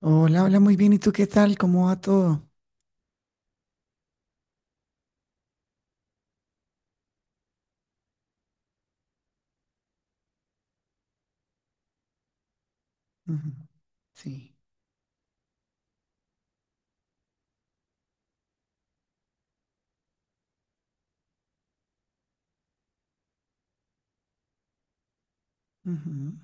Hola, hola, muy bien. ¿Y tú qué tal? ¿Cómo va todo? Ujú. Sí. Ujú.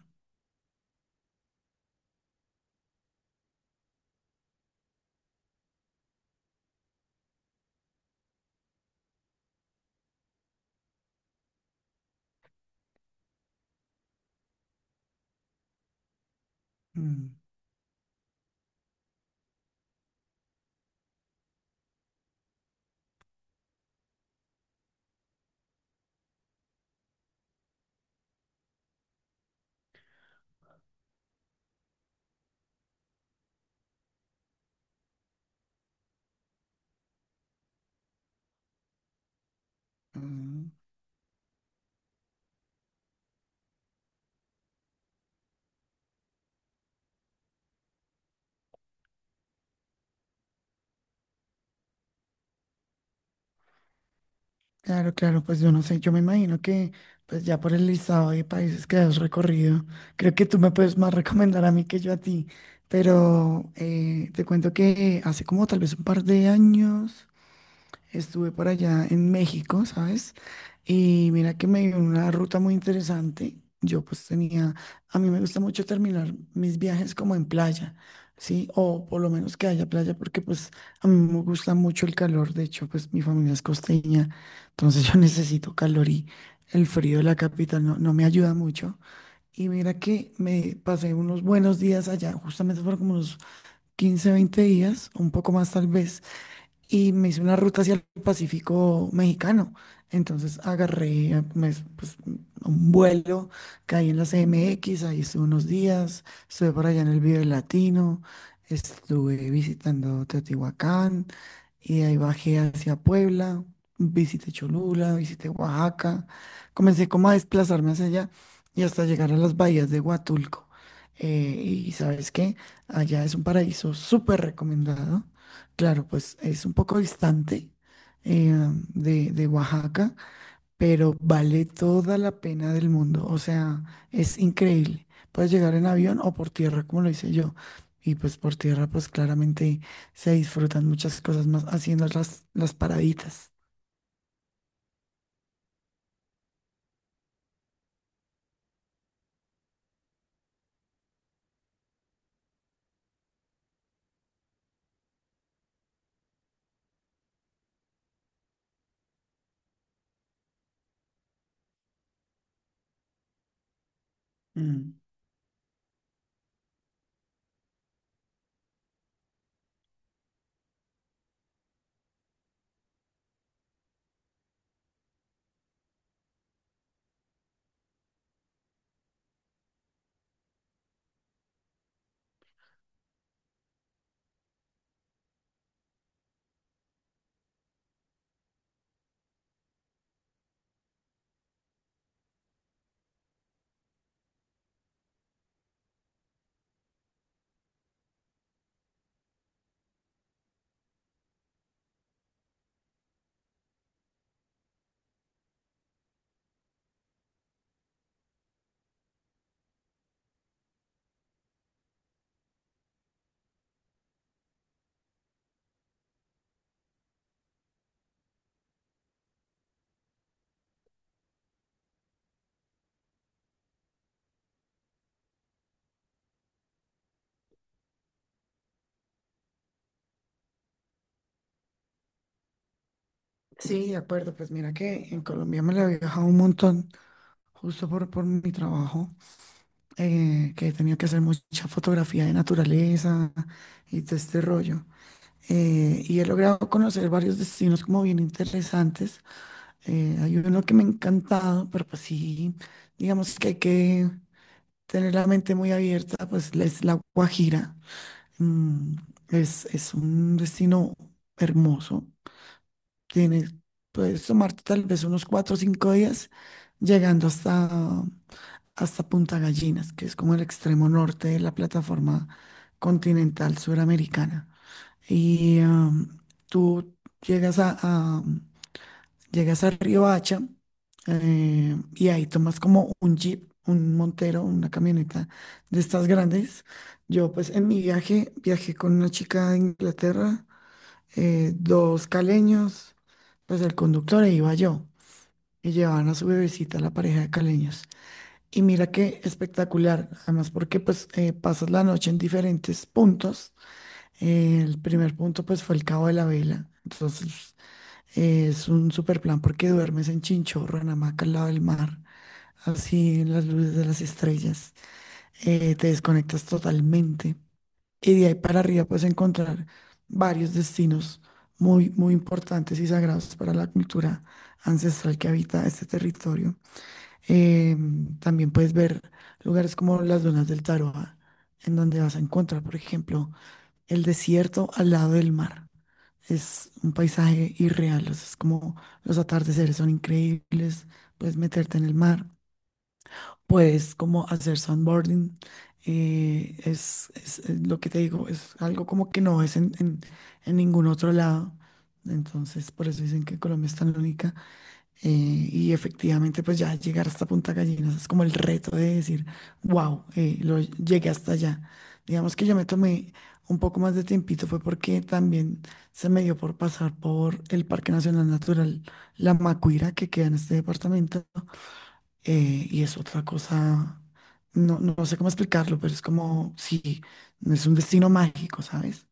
Mm. Mm. Claro, claro, pues yo no sé, yo me imagino que pues ya por el listado de países que has recorrido, creo que tú me puedes más recomendar a mí que yo a ti, pero te cuento que hace como tal vez un par de años. Estuve por allá en México, ¿sabes? Y mira que me dio una ruta muy interesante. Yo pues tenía, a mí me gusta mucho terminar mis viajes como en playa, ¿sí? O por lo menos que haya playa, porque pues a mí me gusta mucho el calor. De hecho, pues mi familia es costeña, entonces yo necesito calor y el frío de la capital no, no me ayuda mucho. Y mira que me pasé unos buenos días allá, justamente fueron como unos 15, 20 días, un poco más tal vez, y me hice una ruta hacia el Pacífico mexicano. Entonces agarré pues, un vuelo, caí en la CMX, ahí estuve unos días, estuve por allá en el Vive Latino, estuve visitando Teotihuacán y de ahí bajé hacia Puebla, visité Cholula, visité Oaxaca, comencé como a desplazarme hacia allá y hasta llegar a las bahías de Huatulco. Eh, y sabes qué, allá es un paraíso súper recomendado. Claro, pues es un poco distante eh, de Oaxaca, pero vale toda la pena del mundo. O sea, es increíble. Puedes llegar en avión o por tierra, como lo hice yo. Y pues por tierra, pues claramente se disfrutan muchas cosas más haciendo las paraditas. Mm. Sí, de acuerdo. Pues mira que en Colombia me la he viajado un montón, justo por mi trabajo, que he tenido que hacer mucha fotografía de naturaleza y todo este rollo. Y he logrado conocer varios destinos como bien interesantes. Hay uno que me ha encantado, pero pues sí, digamos que hay que tener la mente muy abierta, pues es la Guajira. Mm, es un destino hermoso. Tienes, puedes tomarte tal vez unos 4 o 5 días llegando hasta Punta Gallinas, que es como el extremo norte de la plataforma continental suramericana. Y tú llegas llegas a Riohacha, y ahí tomas como un jeep, un Montero, una camioneta de estas grandes. Yo pues en mi viaje viajé con una chica de Inglaterra, dos caleños, pues el conductor e iba yo. Y llevaban a su bebecita la pareja de caleños. Y mira qué espectacular, además porque pues pasas la noche en diferentes puntos. El primer punto pues fue el Cabo de la Vela. Entonces es un super plan porque duermes en chinchorro, en hamaca al lado del mar, así en las luces de las estrellas. Te desconectas totalmente. Y de ahí para arriba puedes encontrar varios destinos muy, muy importantes y sagrados para la cultura ancestral que habita este territorio. Eh, también puedes ver lugares como las dunas del Taroa, en donde vas a encontrar, por ejemplo, el desierto al lado del mar. Es un paisaje irreal, o sea, es como los atardeceres son increíbles, puedes meterte en el mar, puedes como hacer sandboarding. Es lo que te digo, es algo como que no es en ningún otro lado, entonces por eso dicen que Colombia es tan única. Eh, y efectivamente, pues ya llegar hasta Punta Gallinas es como el reto de decir, wow, lo llegué hasta allá. Digamos que yo me tomé un poco más de tiempito, fue porque también se me dio por pasar por el Parque Nacional Natural La Macuira, que queda en este departamento, y es otra cosa, no, no sé cómo explicarlo, pero es como, sí, es un destino mágico, ¿sabes?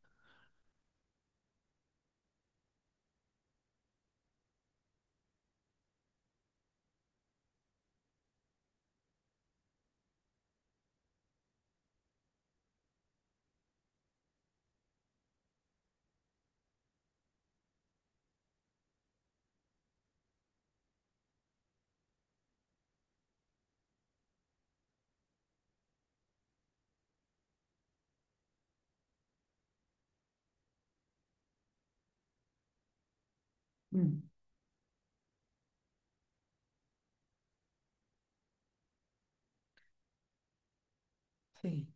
Mm, sí.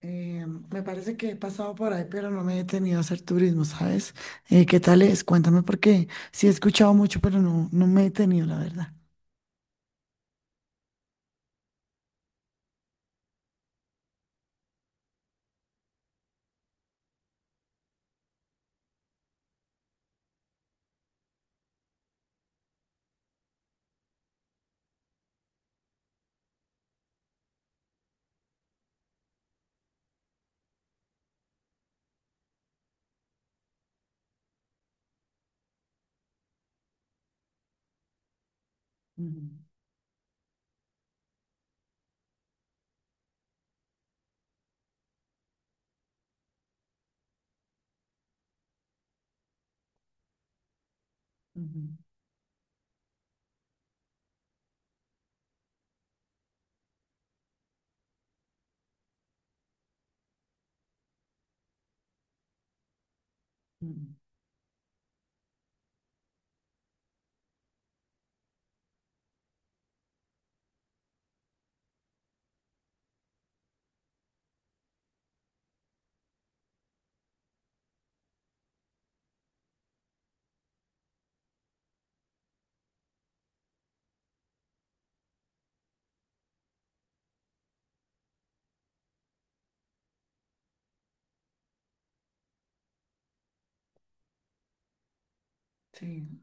Eh, me parece que he pasado por ahí, pero no me he detenido a hacer turismo, ¿sabes? ¿Qué tal es? Cuéntame porque sí he escuchado mucho, pero no, no me he detenido, la verdad. Ujú, ujú, ujú. Sí,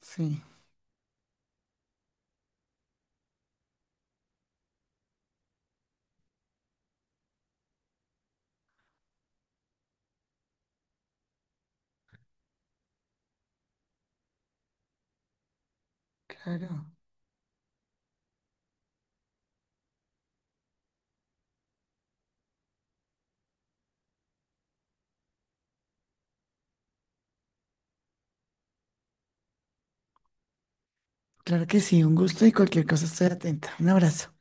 sí, claro. Claro que sí, un gusto y cualquier cosa estoy atenta. Un abrazo.